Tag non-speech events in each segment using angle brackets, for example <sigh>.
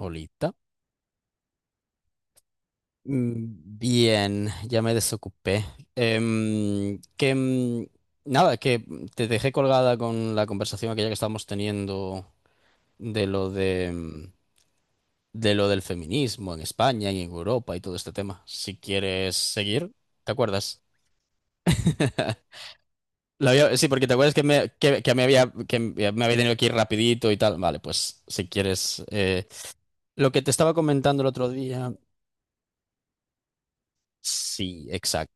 Olita. Bien, ya me desocupé. Em, que mm, nada, que te dejé colgada con la conversación aquella que estábamos teniendo de lo de mm, de lo del feminismo en España y en Europa y todo este tema. Si quieres seguir, ¿te acuerdas? Sí, porque te acuerdas que me, que me había tenido que ir rapidito y tal. Vale, pues si quieres, lo que te estaba comentando el otro día. Sí, exacto.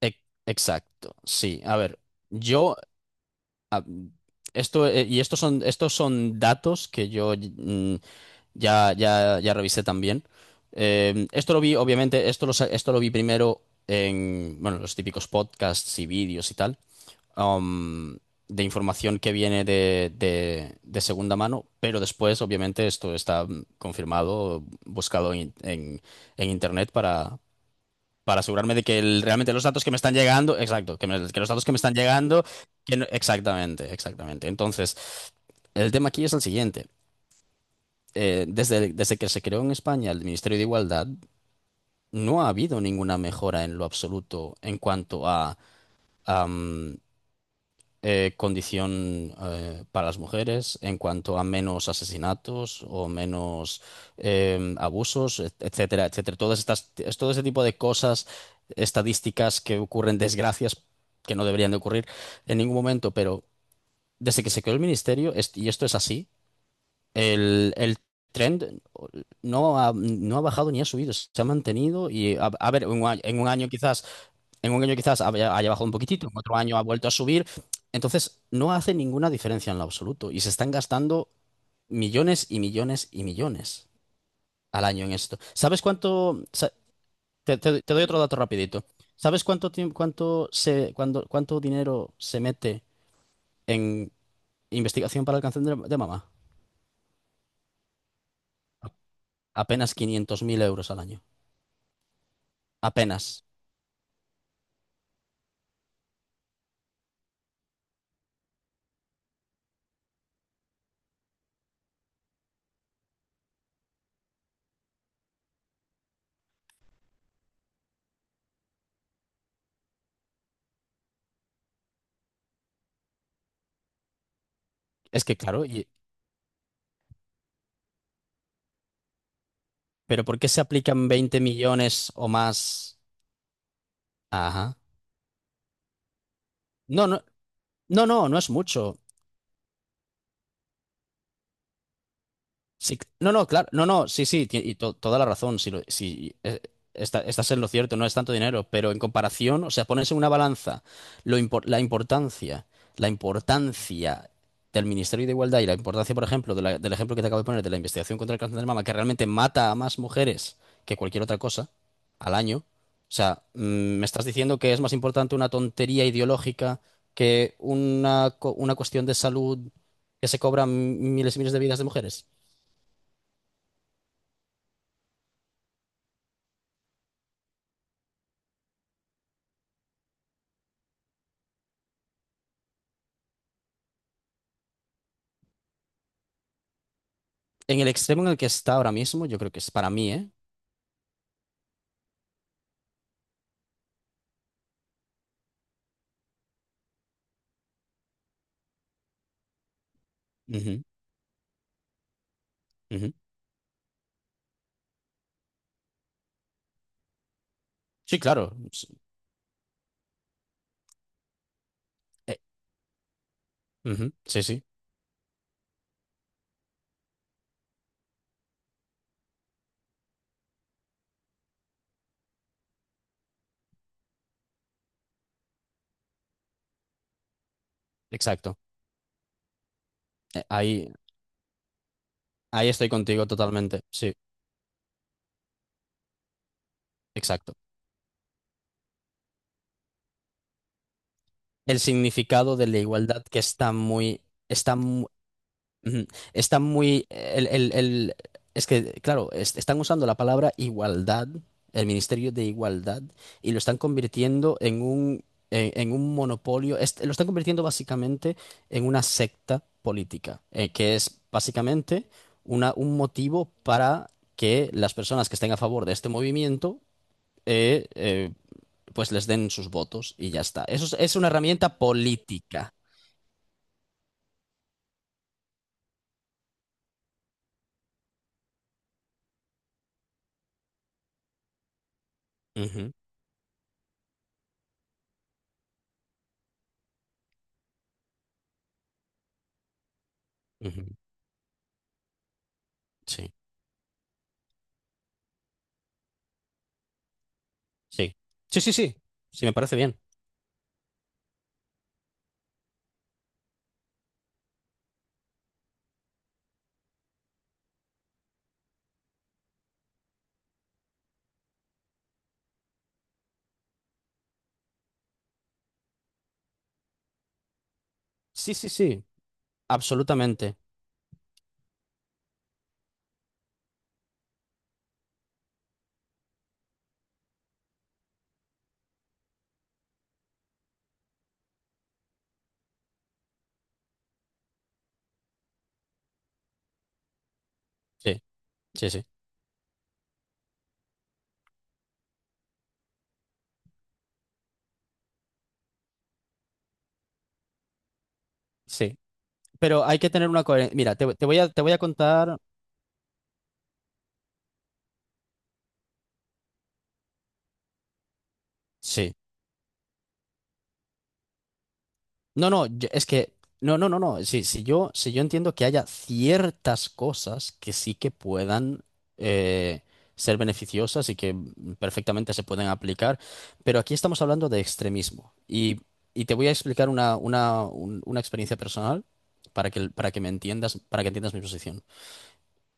Ec- Exacto, sí. A ver, yo a- esto, y estos son datos que yo ya revisé también. Esto lo vi, obviamente, esto lo vi primero en, bueno, los típicos podcasts y vídeos y tal, um, de información que viene de, de segunda mano, pero después, obviamente, esto está, confirmado, buscado en, en internet para asegurarme de que realmente los datos que me están llegando, exacto, que los datos que me están llegando, que no- exactamente, exactamente. Entonces, el tema aquí es el siguiente. Desde que se creó en España el Ministerio de Igualdad, no ha habido ninguna mejora en lo absoluto en cuanto a, condición, para las mujeres, en cuanto a menos asesinatos o menos, abusos, etcétera, etcétera. Todas estas, es todo ese tipo de cosas, estadísticas que ocurren, desgracias que no deberían de ocurrir en ningún momento, pero desde que se creó el ministerio, y esto es así, el trend no ha bajado ni ha subido, se ha mantenido y, a ver, en un año quizás. En un año quizás haya bajado un poquitito, en otro año ha vuelto a subir. Entonces, no hace ninguna diferencia en lo absoluto y se están gastando millones y millones y millones al año en esto. ¿Sabes cuánto? Te doy otro dato rapidito. ¿Sabes cuánto, tiemp- cuánto, se, cuando- cuánto dinero se mete en investigación para el cáncer de, mama? Apenas 500 mil euros al año. Apenas. Es que claro, pero ¿por qué se aplican 20 millones o más? Ajá. No, no, no, no, no es mucho. Sí, no, no, claro, no, no, sí, sí, y toda la razón, si, si Estás en lo cierto, no es tanto dinero, pero en comparación, o sea, pones en una balanza lo impor- la importancia, la importancia del Ministerio de Igualdad y la importancia, por ejemplo, del ejemplo que te acabo de poner de la investigación contra el cáncer de mama, que realmente mata a más mujeres que cualquier otra cosa al año. O sea, me estás diciendo que es más importante una tontería ideológica que una, una cuestión de salud que se cobran miles y miles de vidas de mujeres. En el extremo en el que está ahora mismo, yo creo que es, para mí, ¿eh? Ujú, ujú. Sí, claro. Eh, ujú. Sí, sí, exacto. Eh, ahí, ahí estoy contigo totalmente. Sí, exacto. El significado de la igualdad que está muy, está. Ujú. Está muy. Es que, claro, están usando la palabra igualdad, el Ministerio de Igualdad, y lo están convirtiendo en un, en un monopolio. Lo están convirtiendo básicamente en una secta política, que es básicamente una, un motivo para que las personas que estén a favor de este movimiento, eh, eh, pues les den sus votos y ya está. Eso es una herramienta política. Ujú, ujú. Sí. Sí. Sí, sí, sí. Sí, me parece bien. Sí, sí, sí. Absolutamente. Sí, sí, sí. Sí. Pero hay que tener una coherencia. Mira, te, te voy a contar. Sí. No, no, es que. No, no, no, no. Sí, sí, si yo entiendo que haya ciertas cosas que sí que puedan, eh, ser beneficiosas y que perfectamente se pueden aplicar. Pero aquí estamos hablando de extremismo. Y te voy a explicar una experiencia personal para que, me entiendas, para que entiendas mi posición.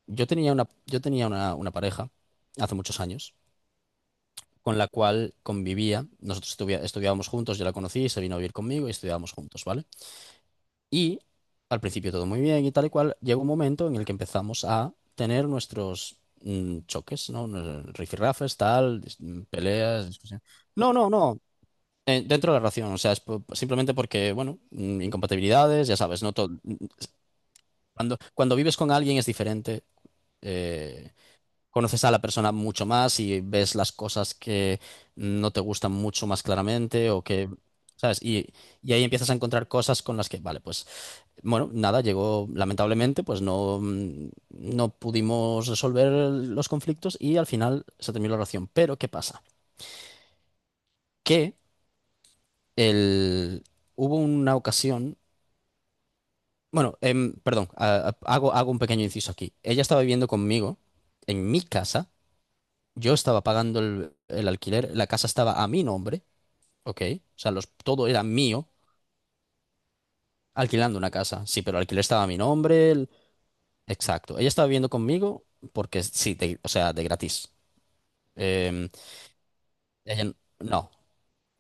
Yo tenía una pareja hace muchos años con la cual convivía. Nosotros estudiábamos juntos, yo la conocí, y se vino a vivir conmigo y estudiábamos juntos, ¿vale? Y al principio todo muy bien y tal y cual. Llegó un momento en el que empezamos a tener nuestros, choques, ¿no? Rifirrafes, tal, peleas, discusión. No, no, no. Dentro de la relación, o sea, simplemente porque, bueno, incompatibilidades, ya sabes, no todo. Cuando vives con alguien es diferente. eh, Conoces a la persona mucho más y ves las cosas que no te gustan mucho más claramente o que, ¿sabes? Y ahí empiezas a encontrar cosas con las que, vale, pues, bueno, nada, llegó, lamentablemente, pues no, no pudimos resolver los conflictos y al final se terminó la relación. Pero, ¿qué pasa? Que el, hubo una ocasión, bueno, perdón, hago un pequeño inciso aquí. Ella estaba viviendo conmigo en mi casa. Yo estaba pagando el alquiler, la casa estaba a mi nombre, ¿ok? O sea, los, todo era mío, alquilando una casa. Sí, pero el alquiler estaba a mi nombre, exacto. Ella estaba viviendo conmigo porque sí, de, o sea, de gratis. Eh, Ella, no,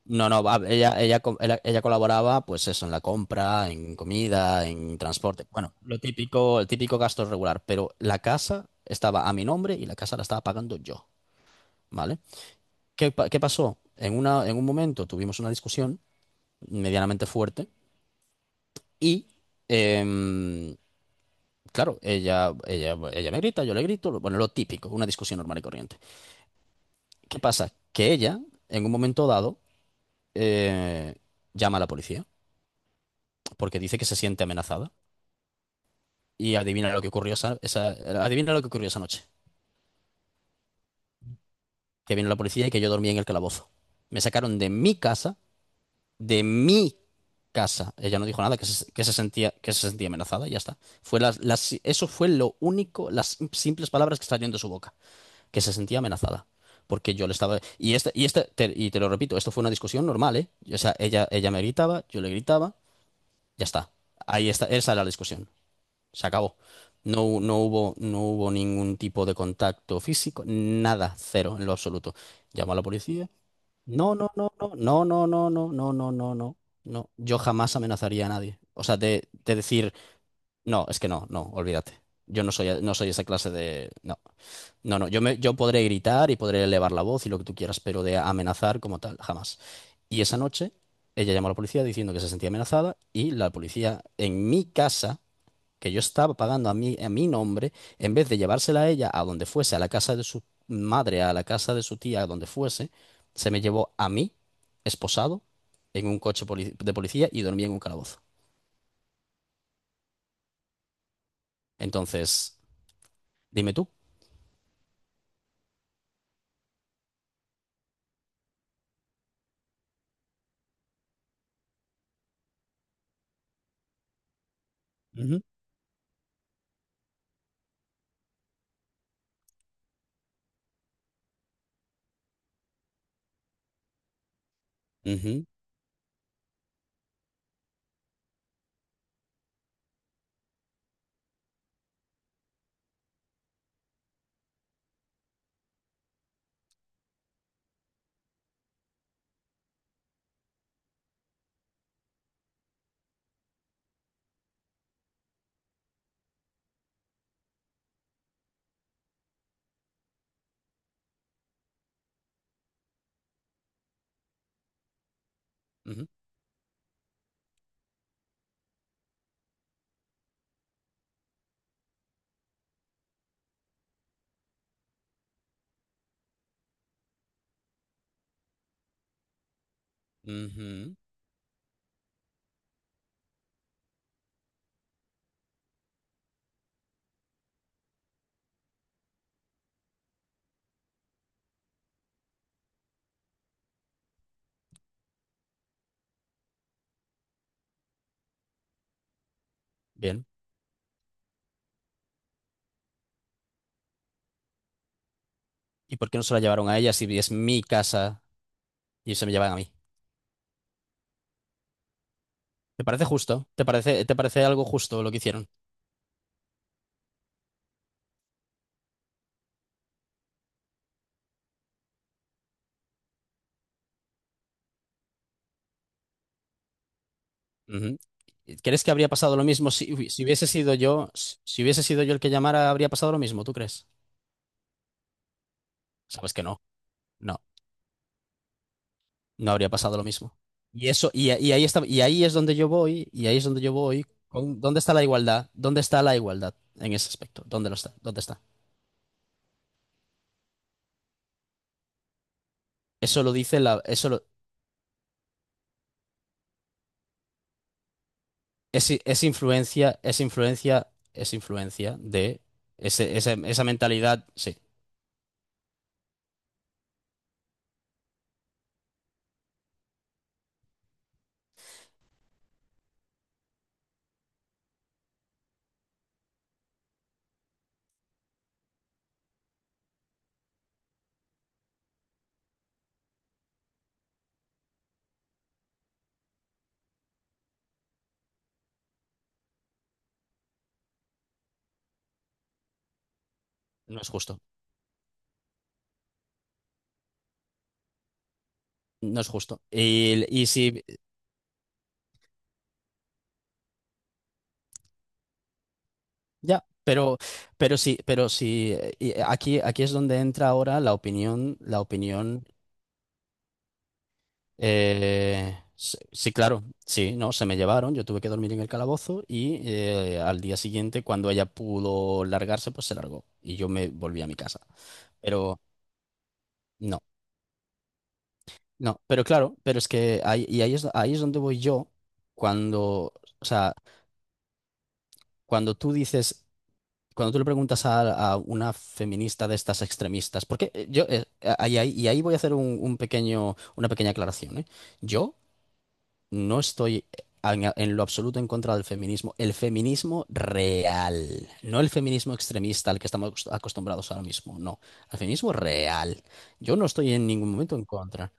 no, no, va, ella colaboraba, pues eso, en la compra, en comida, en transporte. Bueno, lo típico, el típico gasto regular, pero la casa estaba a mi nombre y la casa la estaba pagando yo, ¿vale? ¿Qué, qué pasó? En una, en un momento tuvimos una discusión medianamente fuerte. Y, em, claro, ella me grita, yo le grito, bueno, lo típico, una discusión normal y corriente. ¿Qué pasa? Que ella, en un momento dado, eh, llama a la policía porque dice que se siente amenazada. Y adivina lo que ocurrió adivina lo que ocurrió esa noche. Que vino la policía y que yo dormí en el calabozo. Me sacaron de mi casa, de mi casa. Ella no dijo nada, que se sentía amenazada, y ya está. Eso fue lo único, las simples palabras que salieron de su boca, que se sentía amenazada. Porque yo le estaba. Y te lo repito, esto fue una discusión normal, ¿eh? O sea, ella me gritaba, yo le gritaba, ya está. Ahí está, esa era la discusión. Se acabó. No, no hubo ningún tipo de contacto físico, nada, cero, en lo absoluto. Llamó a la policía. No, no, no, no, no, no, no, no, no, no, no, no, no. Yo jamás amenazaría a nadie. O sea, de, decir, no, es que no, no, olvídate. Yo no soy, no soy esa clase de. No, no, no. Yo me, yo podré gritar y podré elevar la voz y lo que tú quieras, pero de amenazar como tal, jamás. Y esa noche, ella llamó a la policía diciendo que se sentía amenazada y la policía en mi casa, que yo estaba pagando a mi nombre, en vez de llevársela a ella a donde fuese, a la casa de su madre, a la casa de su tía, a donde fuese, se me llevó a mí, esposado, en un coche de policía y dormí en un calabozo. Entonces, dime tú. Ujú, ujú, ujú, ujú. Bien. ¿Y por qué no se la llevaron a ella si es mi casa y se me llevan a mí? ¿Te parece justo? Te parece algo justo lo que hicieron? Ujú. ¿Crees que habría pasado lo mismo si hubiese sido yo el que llamara? ¿Habría pasado lo mismo, tú crees? Sabes que no, no, no habría pasado lo mismo. Y ahí está, y ahí es donde yo voy, con, ¿dónde está la igualdad? ¿Dónde está la igualdad en ese aspecto? ¿Dónde lo está? ¿Dónde está? Eso lo dice la, eso lo- Es influencia de esa mentalidad, sí, no es justo. No es justo. Y si Ya, pero, pero sí, aquí, es donde entra ahora la opinión, la opinión. Sí, claro, sí, no, se me llevaron, yo tuve que dormir en el calabozo y, al día siguiente, cuando ella pudo largarse, pues se largó y yo me volví a mi casa. Pero no, no, pero claro, pero es que ahí es donde voy yo cuando, o sea, cuando tú dices cuando tú le preguntas a, una feminista de estas extremistas, porque, y ahí voy a hacer un, una pequeña aclaración, ¿eh? Yo no estoy en, lo absoluto en contra del feminismo, el feminismo real, no el feminismo extremista al que estamos acostumbrados ahora mismo, no, el feminismo real. Yo no estoy en ningún momento en contra,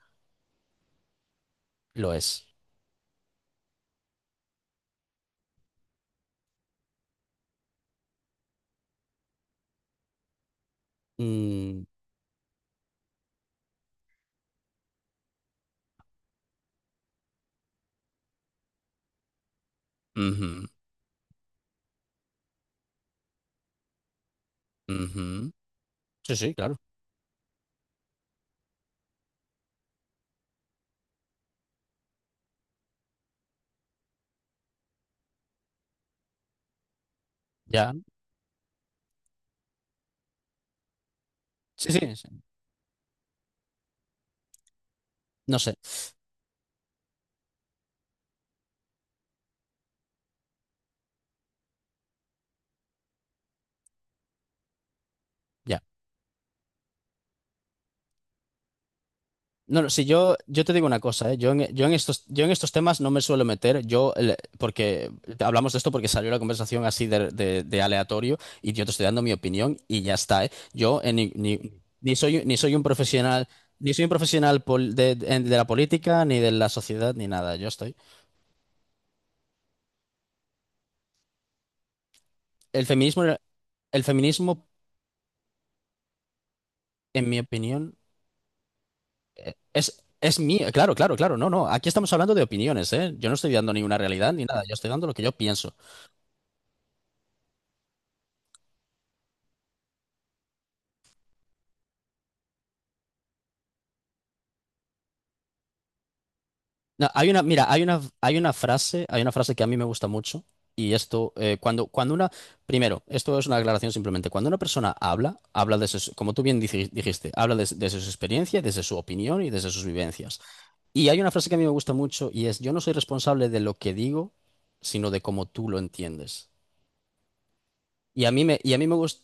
lo es. Mm, ujú, ujú. Sí, sí, claro. Ya. Sí, sí, sí. No sé. Ya. No, no, si yo, yo te digo una cosa, ¿eh? Yo en estos temas no me suelo meter, yo, porque hablamos de esto porque salió la conversación así de, de aleatorio y yo te estoy dando mi opinión y ya está, ¿eh? Yo, ni soy, un profesional, ni soy un profesional, de, de la política, ni de la sociedad, ni nada, yo estoy. El feminismo, el feminismo, en mi opinión, es mío, claro, claro, claro, no, no, aquí estamos hablando de opiniones, ¿eh? Yo no estoy dando ninguna realidad ni nada, yo estoy dando lo que yo pienso. No, mira, hay una frase que a mí me gusta mucho, y esto, cuando, primero, esto es una aclaración simplemente, cuando una persona habla, habla como tú bien dijiste, habla desde su experiencia, desde su opinión y desde sus vivencias. Y hay una frase que a mí me gusta mucho y es: yo no soy responsable de lo que digo, sino de cómo tú lo entiendes. Y a mí me, y a mí me gusta,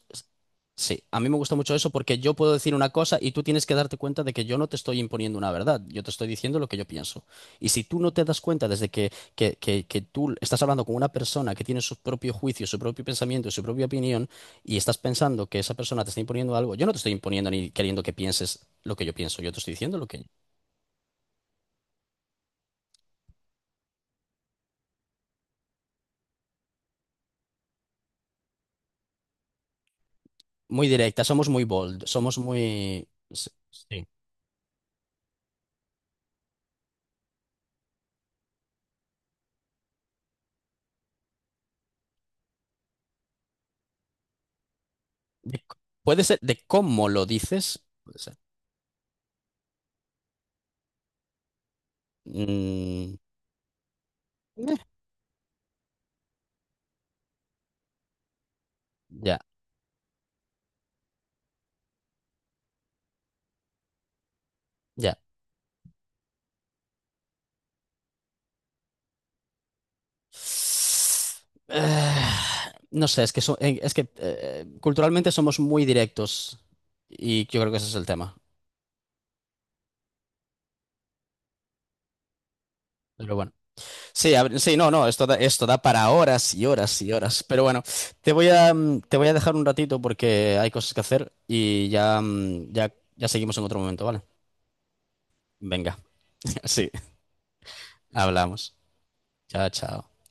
Sí, a mí me gusta mucho eso porque yo puedo decir una cosa y tú tienes que darte cuenta de que yo no te estoy imponiendo una verdad, yo te estoy diciendo lo que yo pienso. Y si tú no te das cuenta desde que tú estás hablando con una persona que tiene su propio juicio, su propio pensamiento y su propia opinión, y estás pensando que esa persona te está imponiendo algo, yo no te estoy imponiendo ni queriendo que pienses lo que yo pienso, yo te estoy diciendo lo que... Muy directa, somos muy bold, somos muy, sí. Sí. de- Puede ser de cómo lo dices, puede ser. Mm, ya, ya. Eh, no sé, es que, es que, culturalmente somos muy directos y yo creo que ese es el tema. Pero bueno. Sí, a ver, sí, no, no, esto da, para horas y horas y horas. Pero bueno, te voy a dejar un ratito porque hay cosas que hacer y ya, ya seguimos en otro momento, ¿vale? Venga, <laughs> sí, hablamos. Chao, chao.